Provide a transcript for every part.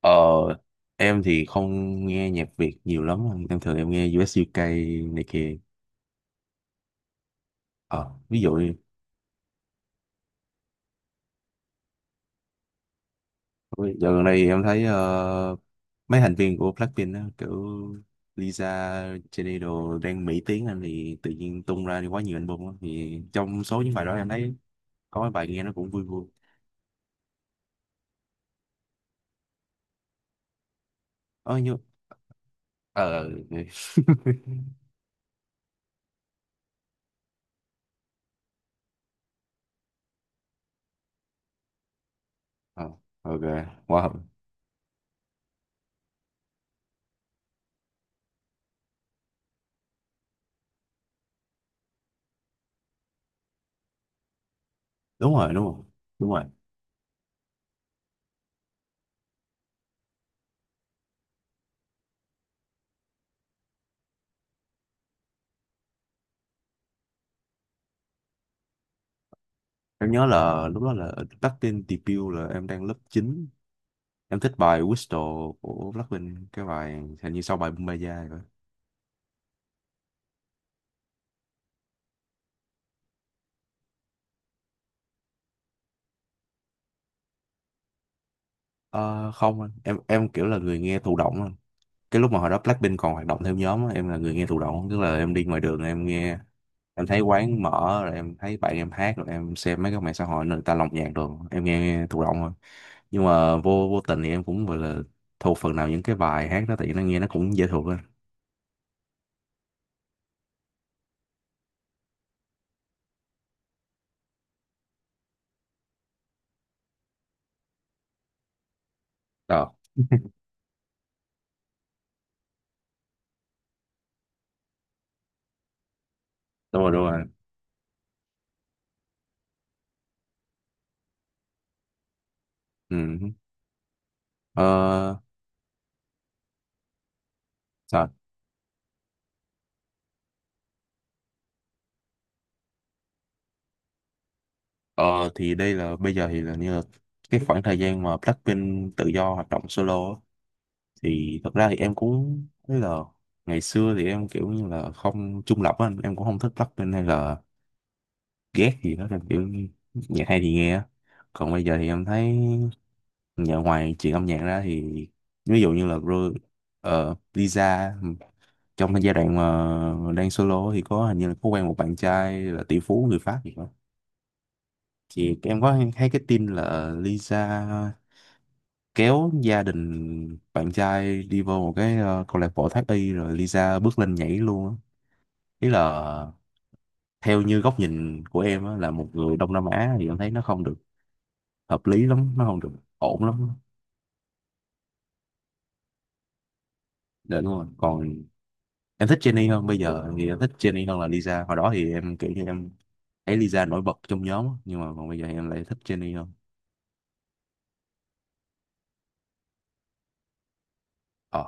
Ờ, em thì không nghe nhạc Việt nhiều lắm, em thường nghe US UK này kia. Ờ, Ví dụ như- dạo gần đây em thấy mấy thành viên của Blackpink á, kiểu Lisa, Jennie đồ đang Mỹ tiếng anh thì tự nhiên tung ra quá nhiều album á. Thì trong số những bài đó em thấy có mấy bài nghe nó cũng vui vui. Ờ, như... Ờ, Ờ, ok. Wow. Đúng rồi, đúng rồi, đúng rồi. Em nhớ là lúc đó là Blackpink debut là em đang lớp 9. Em thích bài Whistle của Blackpink, cái bài hình như sau bài Bumbaya rồi. Ờ, Không anh, em kiểu là người nghe thụ động anh. Cái lúc mà hồi đó Blackpink còn hoạt động theo nhóm á, em là người nghe thụ động, tức là em đi ngoài đường em nghe, em thấy quán mở rồi em thấy bạn em hát rồi em xem mấy cái mạng xã hội người ta lồng nhạc rồi em nghe thụ động thôi. Nhưng mà vô vô tình thì em cũng gọi là thuộc phần nào những cái bài hát đó tại vì nó nghe nó cũng dễ thuộc á. Ờ, đúng rồi đúng rồi. Ừ. Ờ, sao? Ờ thì đây là bây giờ thì là như là cái khoảng thời gian mà Blackpink tự do hoạt động solo á, thì thật ra thì em cũng thấy là ngày xưa thì em kiểu như là không trung lập á anh. Em cũng không thích Blackpink hay là ghét gì đó, em kiểu như nhạc hay thì nghe á. Còn bây giờ thì em thấy nhờ ngoài chuyện âm nhạc ra thì ví dụ như là Lisa trong cái giai đoạn mà đang solo thì có hình như là có quen một bạn trai là tỷ phú người Pháp gì đó. Thì em thấy cái tin là Lisa kéo gia đình bạn trai đi vô một cái câu lạc bộ thoát y rồi Lisa bước lên nhảy luôn á. Ý là theo như góc nhìn của em á, là một người Đông Nam Á thì em thấy nó không được hợp lý lắm, nó không được ổn lắm. Để đúng rồi, còn em thích Jennie hơn. Bây giờ thì em thích Jennie hơn là Lisa. Hồi đó thì em kiểu như em thấy Lisa nổi bật trong nhóm á, nhưng mà còn bây giờ em lại thích Jennie hơn. ờ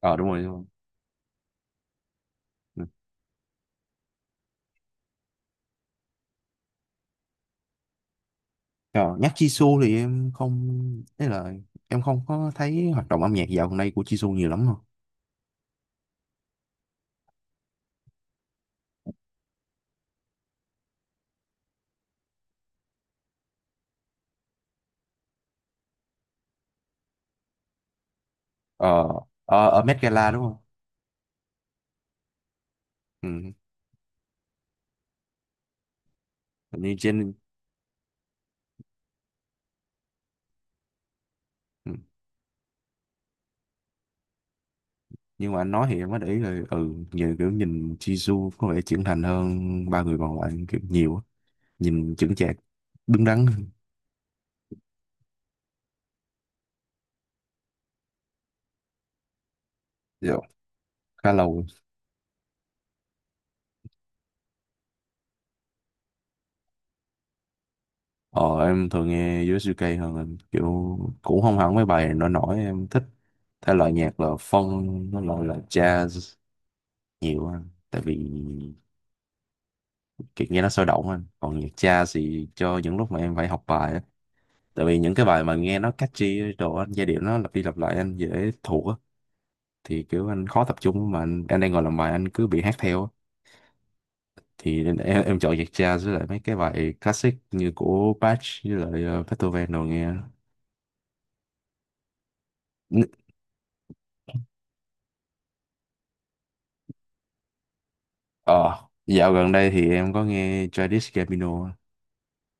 ờ đúng rồi đúng rồi. Ừ. Ờ, nhắc Jisoo thì em không, ý là em không có thấy hoạt động âm nhạc dạo gần đây của Jisoo nhiều lắm. ờ Ở, ở Met Gala đúng không. Ừ. Như trên. Ừ. Nhưng mà anh nói thì em mới để ý rồi, ừ nhiều, kiểu nhìn Jisoo có vẻ trưởng thành hơn ba người còn lại kiểu nhiều á. Nhìn chững chạc, đứng đắn hơn. Dạ, khá lâu rồi. Ờ em thường nghe USUK hơn anh. Kiểu cũng không hẳn mấy bài nổi nổi em thích, thể loại nhạc là funk, nó loại là jazz nhiều anh. Tại vì kiểu nghe nó sôi động anh, còn nhạc jazz thì cho những lúc mà em phải học bài á. Tại vì những cái bài mà nghe nó catchy đồ anh, giai điệu nó lặp đi lặp lại anh dễ thuộc á, thì kiểu anh khó tập trung mà anh đang ngồi làm bài anh cứ bị hát theo á. Thì em chọn nhạc jazz với lại mấy cái bài classic như của Bach với lại Beethoven đồ nghe. N- ờ Dạo gần đây thì em có nghe Childish Gambino á.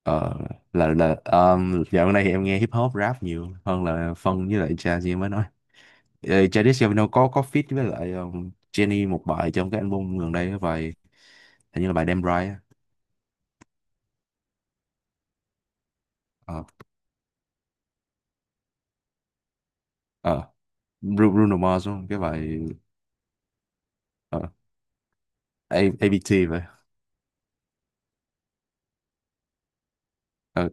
Ờ là Dạo gần đây thì em nghe hip hop rap nhiều hơn là phân với lại jazz như em mới nói. Ờ, Childish Gambino có feat với lại Jenny một bài trong cái album gần đây, cái bài hình như là bài Damn Right á. Ờ, ờ Bruno Mars đúng không? Cái bài ờ ABT vậy. ờ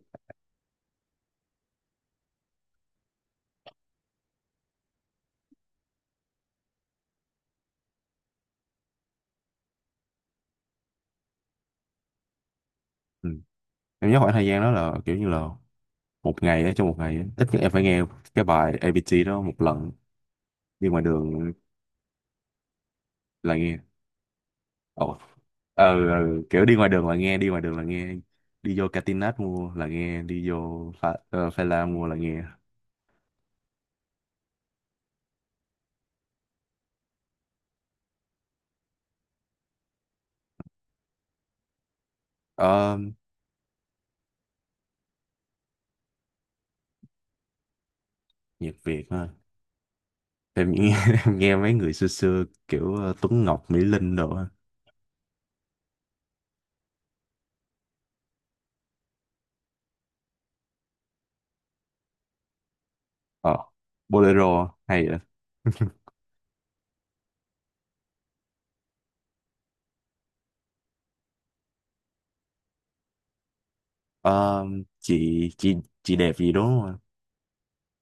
ừ. Em nhớ khoảng thời gian đó là kiểu như là một ngày á trong một ngày á, ít nhất em phải nghe cái bài A ABT đó một lần đi ngoài đường là nghe. ồ ờ ờ, Kiểu đi ngoài đường là nghe, đi vô Catinat mua là nghe, đi vô Pha La mua là nghe. ờ Nhạc Việt ha. Em nghe em nghe mấy người xưa xưa kiểu Tuấn Ngọc, Mỹ Linh đồ á. ờ Bolero hay vậy. Ờ, chị chị đẹp gì đúng không ạ?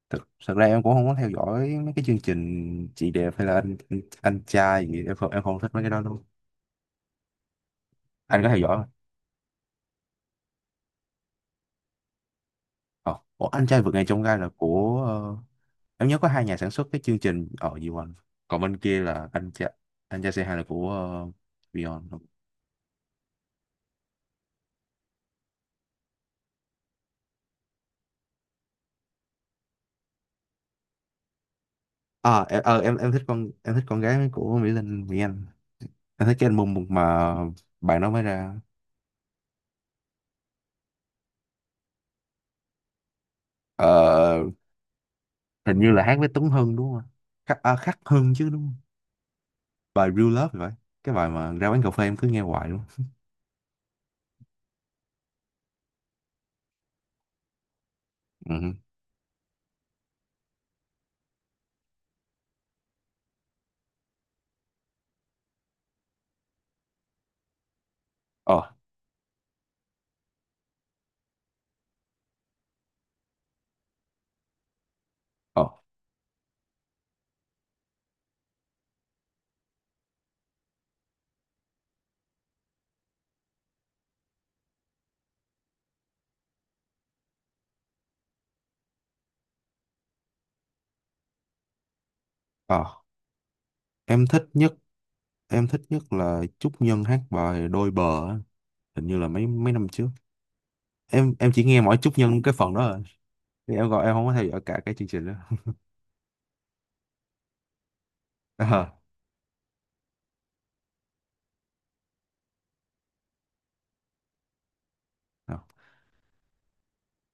Thực thật ra em cũng không có theo dõi mấy cái chương trình chị đẹp hay là anh trai gì, em không thích mấy cái đó luôn. Anh có theo dõi không? Ờ, ủa, anh trai vượt ngàn chông gai là của em nhớ có hai nhà sản xuất cái chương trình ở gì quanh. Còn bên kia là anh trai c hai là của Beyond. À em thích em thích con gái của Mỹ Linh, Mỹ Anh. Em thích cái album mà bạn đó mới ra. Ờ, hình như là hát với Tuấn Hưng đúng không ạ? Khắc, à, Khắc Hưng chứ đúng không? Bài Real Love thì phải, cái bài mà ra quán cà phê em cứ nghe hoài luôn. Ừ. ờ ờ ờ em thích nhất, em thích nhất là Trúc Nhân hát bài Đôi Bờ á. Hình như là mấy mấy năm trước em chỉ nghe mỗi Trúc Nhân cái phần đó rồi. Thì em gọi em không có theo dõi cả cái chương trình đó. ờ ờ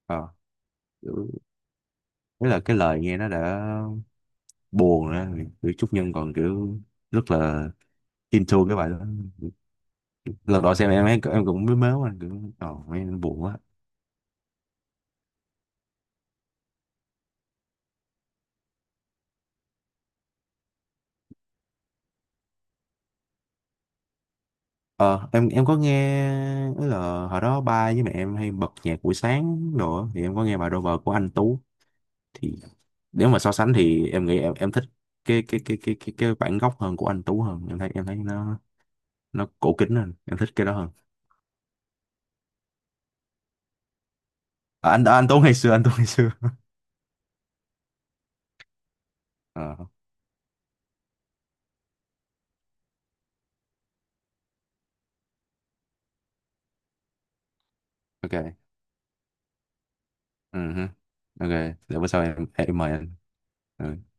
ờ. Kiểu- đấy là cái lời nghe nó đã buồn rồi á. Kiểu Trúc Nhân còn kiểu rất là into cái bài đó. Lần đầu xem em cũng mới mếu anh, kiểu ờ nghe buồn quá. Ờ, em có nghe, tức là hồi đó ba với mẹ em hay bật nhạc buổi sáng đồ á, thì em có nghe bài Rover của anh Tú. Thì nếu mà so sánh thì em nghĩ em thích cái bản gốc hơn của anh Tú hơn, em thấy nó cổ kính hơn, em thích cái đó hơn. Anh Tú ngày xưa, anh Tú ngày xưa. Ờ, ok. Ừ hứ. Ok, để bữa sau em mời anh. Ừ.